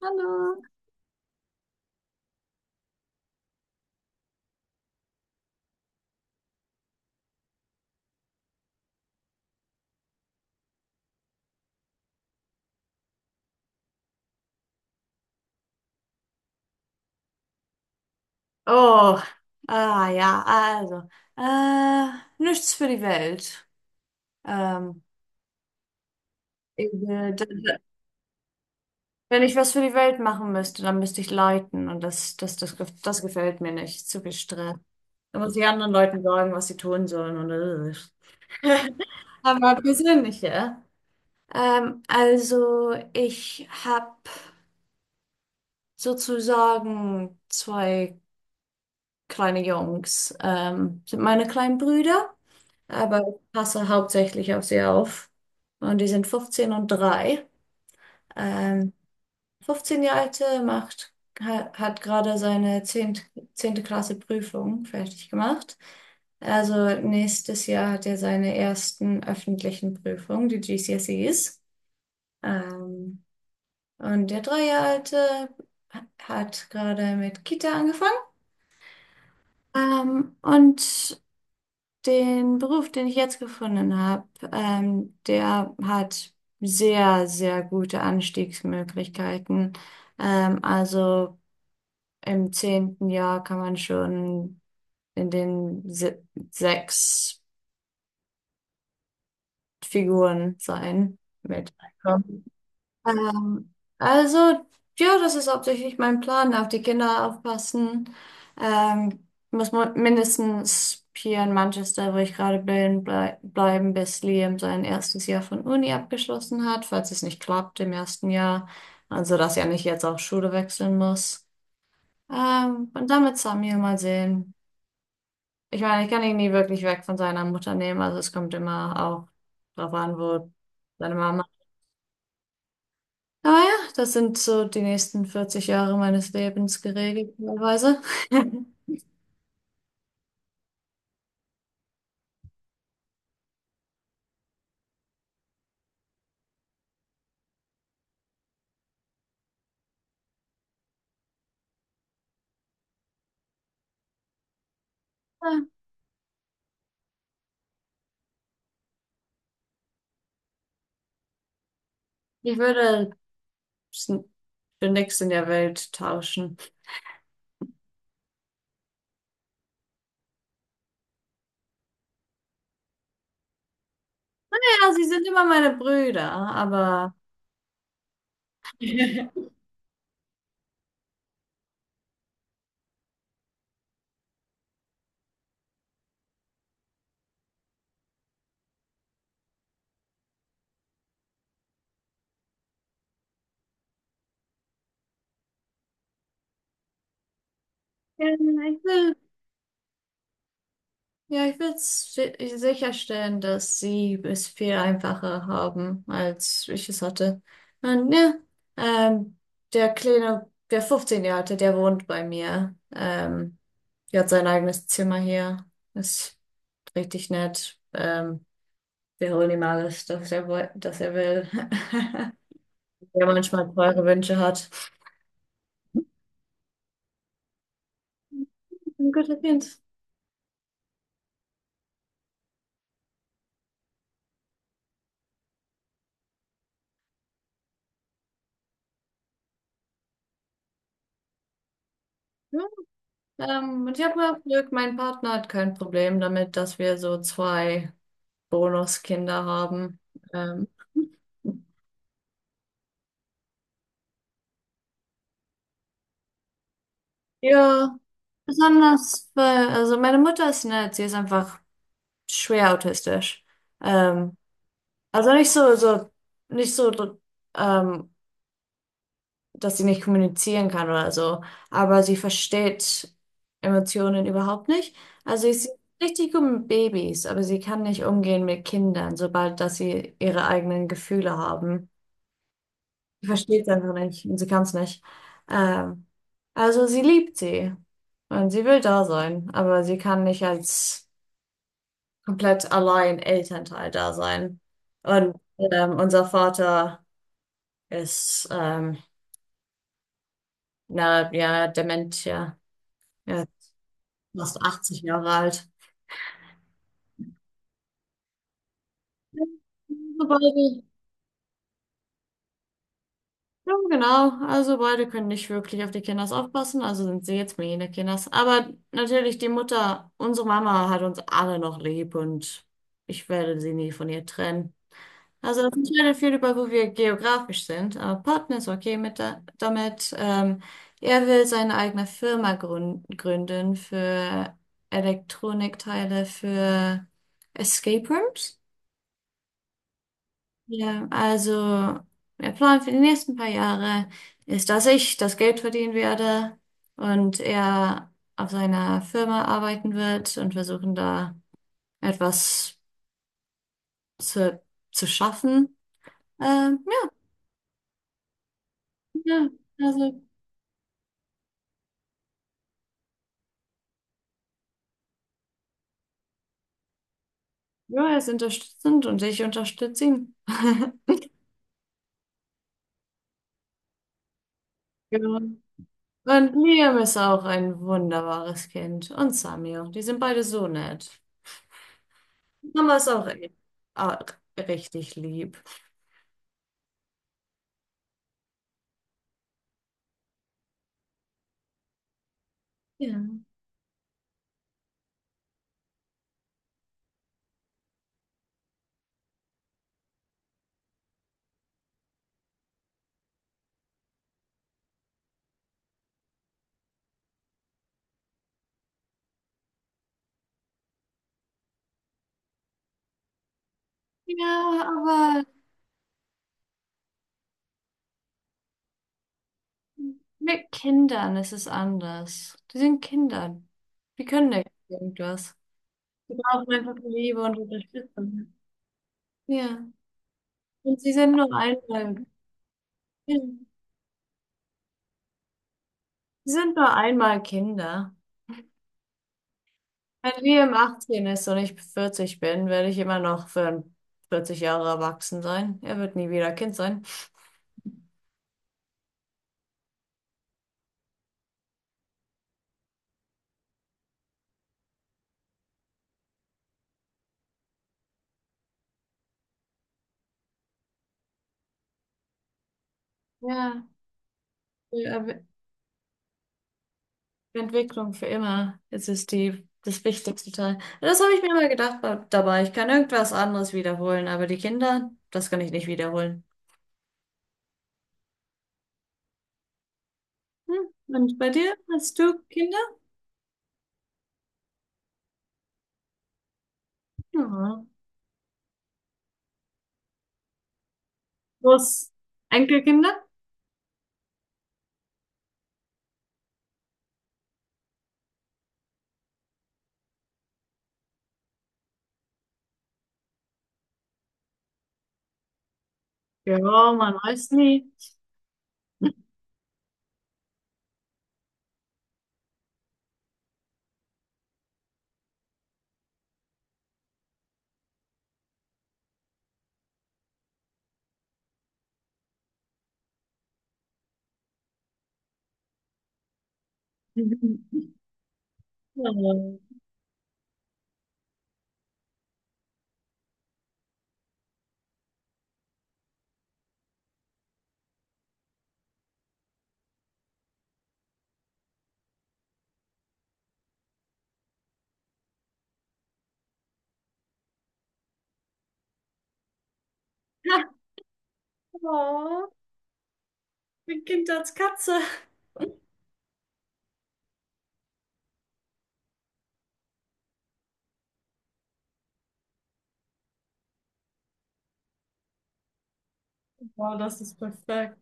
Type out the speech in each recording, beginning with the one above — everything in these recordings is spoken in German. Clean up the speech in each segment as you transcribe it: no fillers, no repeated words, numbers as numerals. Hallo. Oh, ah ja, also, äh, nichts für die Welt. Ähm, ich, äh, d- d- Wenn ich was für die Welt machen müsste, dann müsste ich leiten und das gefällt mir nicht. Zu viel Stress. Da muss ich anderen Leuten sagen, was sie tun sollen. Aber persönliche. Ich habe sozusagen zwei kleine Jungs, sind meine kleinen Brüder. Aber ich passe hauptsächlich auf sie auf. Und die sind 15 und drei. Ähm, 15 Jahre alte macht, hat gerade seine zehnte Klasse Prüfung fertig gemacht. Also nächstes Jahr hat er seine ersten öffentlichen Prüfungen, die GCSEs. Ähm, und der drei Jahre alte hat gerade mit Kita angefangen. Ähm, und Den Beruf, den ich jetzt gefunden habe, der hat sehr, sehr gute Anstiegsmöglichkeiten. Ähm, also Im zehnten Jahr kann man schon in den se sechs Figuren sein mit. Ähm, also, ja, das ist hauptsächlich mein Plan, auf die Kinder aufpassen. Muss man mindestens hier in Manchester, wo ich gerade bin, bleiben, bis Liam sein erstes Jahr von Uni abgeschlossen hat, falls es nicht klappt im ersten Jahr. Also, dass er nicht jetzt auch Schule wechseln muss. Und dann mit Samuel mal sehen. Ich meine, ich kann ihn nie wirklich weg von seiner Mutter nehmen, also es kommt immer auch drauf an, wo seine Mama. Aber ja, das sind so die nächsten 40 Jahre meines Lebens geregelt, teilweise. Ja, ich würde s- für nichts in der Welt tauschen. Ja, sie sind immer meine Brüder, aber ja, ich will, ja, ich will sicherstellen, dass sie es viel einfacher haben, als ich es hatte. Und ja, ähm, Der Kleine, der 15-Jährige, der wohnt bei mir. Der hat sein eigenes Zimmer hier. Das richtig nett. Wir holen ihm alles, das das er will. Der manchmal teure Wünsche hat. Ein guter Kind. Ja, ich habe mal Glück, mein Partner hat kein Problem damit, dass wir so zwei Bonuskinder haben. Ähm, ja, besonders, weil, also meine Mutter ist nett, sie ist einfach schwer autistisch. Ähm, also nicht so, nicht so, ähm, dass sie nicht kommunizieren kann oder so. Aber sie versteht Emotionen überhaupt nicht. Also sie ist richtig gut mit Babys, aber sie kann nicht umgehen mit Kindern, sobald dass sie ihre eigenen Gefühle haben. Sie versteht es einfach nicht und sie kann es nicht. Ähm, Sie liebt sie und sie will da sein, aber sie kann nicht als komplett allein Elternteil da sein. Und unser Vater ist na ja dement, ja. Er fast 80 Jahre alt. Also beide, ja, genau. Also beide können nicht wirklich auf die Kinders aufpassen, also sind sie jetzt meine Kinders. Aber natürlich die Mutter, unsere Mama hat uns alle noch lieb und ich werde sie nie von ihr trennen. Also das entscheidet viel über, wo wir geografisch sind. Aber Partner ist okay mit da, damit. Er will seine eigene Firma gründen für Elektronikteile für Escape Rooms. Ja, also der Plan für die nächsten paar Jahre ist, dass ich das Geld verdienen werde und er auf seiner Firma arbeiten wird und versuchen da etwas zu, zu schaffen. Ähm, ja, ja, also ja, er ist unterstützend und ich unterstütze ihn. Genau. Und Liam ist auch ein wunderbares Kind und Samir, die sind beide so nett. Mama ist auch, auch richtig lieb. Ja. Ja, aber mit Kindern ist es anders. Die sind Kinder. Die können nicht irgendwas. Die brauchen einfach Liebe und Unterstützung. Ja. Und sie sind nur einmal, ja. sie sind nur einmal Kinder. Wenn wir im 18 ist und ich 40 bin, werde ich immer noch für 40 Jahre erwachsen sein. Er wird nie wieder Kind sein. Ja, die Er- Entwicklung für immer. Es ist das wichtigste Teil. Das habe ich mir immer dabei Ich kann irgendwas anderes wiederholen, aber die Kinder, das kann ich nicht wiederholen. Hm. Und bei dir? Hast du Kinder? Ja. Was? Enkelkinder? Ja, man weiß nie. Ja. Oh, mein Kind als Katze. Wow, das ist perfekt.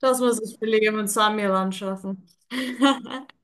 Das muss ich für Liam und Samuel anschaffen.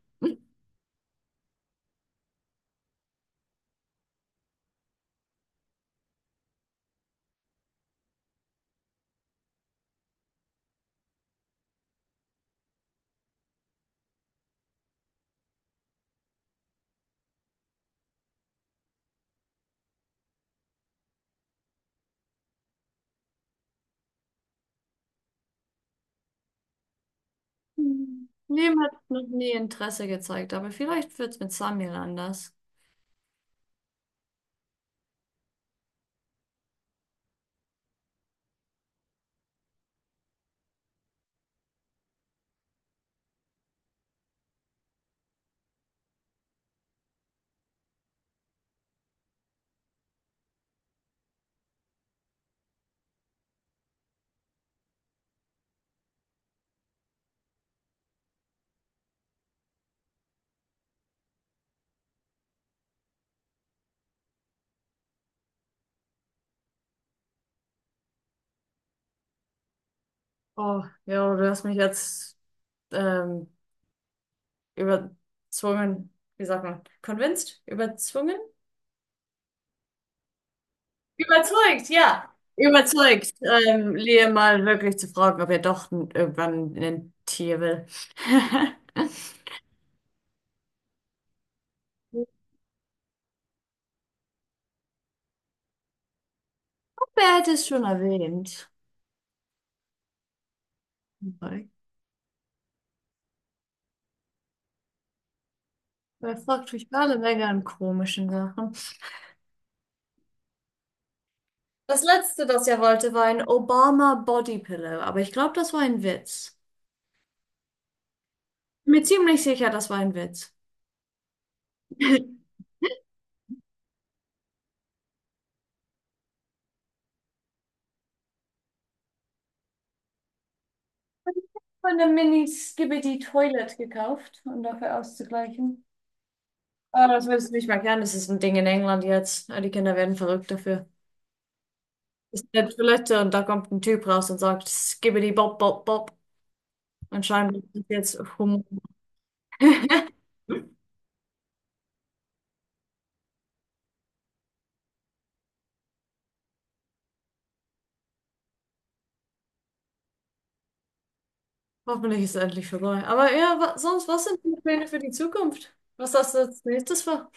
Liam hat noch nie Interesse gezeigt, aber vielleicht wird es mit Samuel anders. Oh, ja, du hast mich jetzt ähm, überzwungen, wie sagt man, convinced? Überzwungen? Überzeugt, ja. Überzeugt, Lea mal wirklich zu fragen, ob er doch irgendwann ein Tier will. Wer hätte es schon erwähnt? Er fragt mich alle Menge an komischen Sachen. Das letzte, das er wollte, war ein Obama Body Pillow, aber ich glaube, das war ein Witz. Mir ziemlich sicher, das war ein Witz. Von der Mini Skibidi Toilet gekauft, um dafür auszugleichen. Ah, das willst du nicht mehr kennen. Das ist ein Ding in England jetzt. Ah, die Kinder werden verrückt dafür. Ist in der Toilette und da kommt ein Typ raus und sagt, Skibbidi Bob, Bob, Bob. Anscheinend ist das jetzt Humor. Hoffentlich ist es endlich vorbei. Aber ja, wa sonst, was sind die Pläne für die Zukunft? Was hast du als nächstes vor?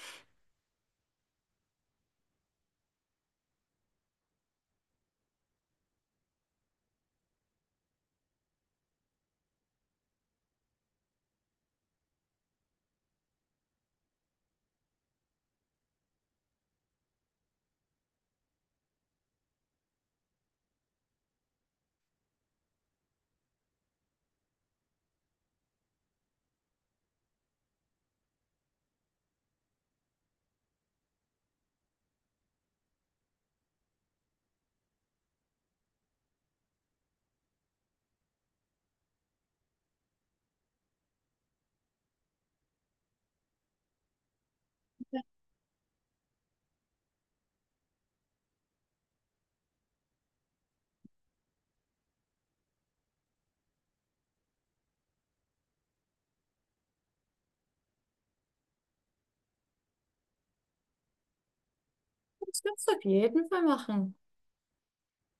Das kannst du auf jeden Fall machen.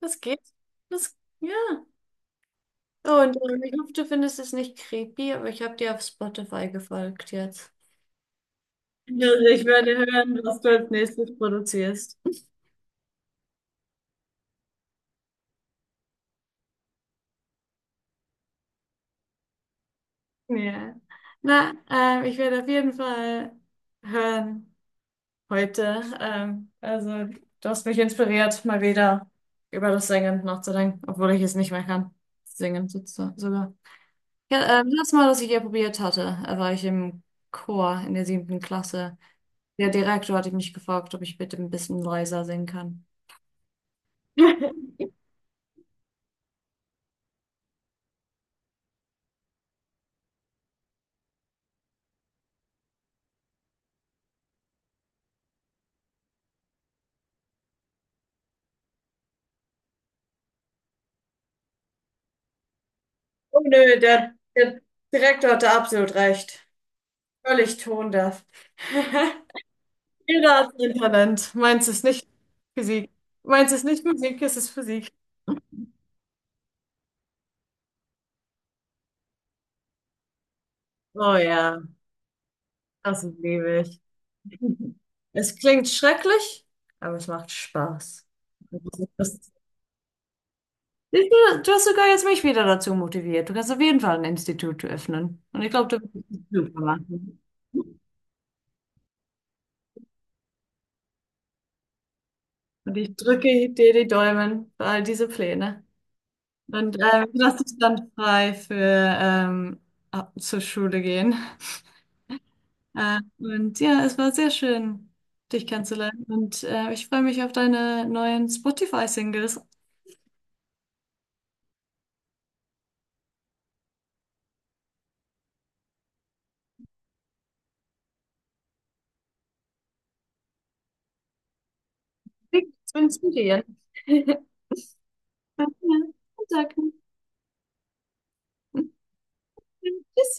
Das geht. Das, ja. Und ich hoffe, du findest es nicht creepy, aber ich habe dir auf Spotify gefolgt jetzt. Also ich werde hören, was du als nächstes produzierst. Ja. Na, ich werde auf jeden Fall hören heute. Du hast mich inspiriert, mal wieder über das Singen nachzudenken, obwohl ich es nicht mehr kann. Singen sozusagen sogar. Ja, das Mal, was ich hier probiert hatte, war ich im Chor in der siebten Klasse. Der Direktor hatte mich gefragt, ob ich bitte ein bisschen leiser singen kann. Oh nö, der Direktor hatte absolut recht. Völlig tondeaf. Jeder hat sein Talent. Meins ist nicht Physik. Meins ist nicht Musik, es ist Physik. Oh ja, das liebe ich. Es klingt schrecklich, aber es macht Spaß. Das, ich, du Du hast sogar jetzt mich wieder dazu motiviert. Du kannst auf jeden Fall ein Institut öffnen. Und ich glaube, du wirst es super machen. Und ich drücke dir die Daumen für all diese Pläne. Und das ist dann frei für ähm, zur Schule gehen. Und ja, es war sehr schön, dich kennenzulernen. Und ich freue mich auf deine neuen Spotify-Singles. Wie- Schönes Video. Ja, danke. Tschüss.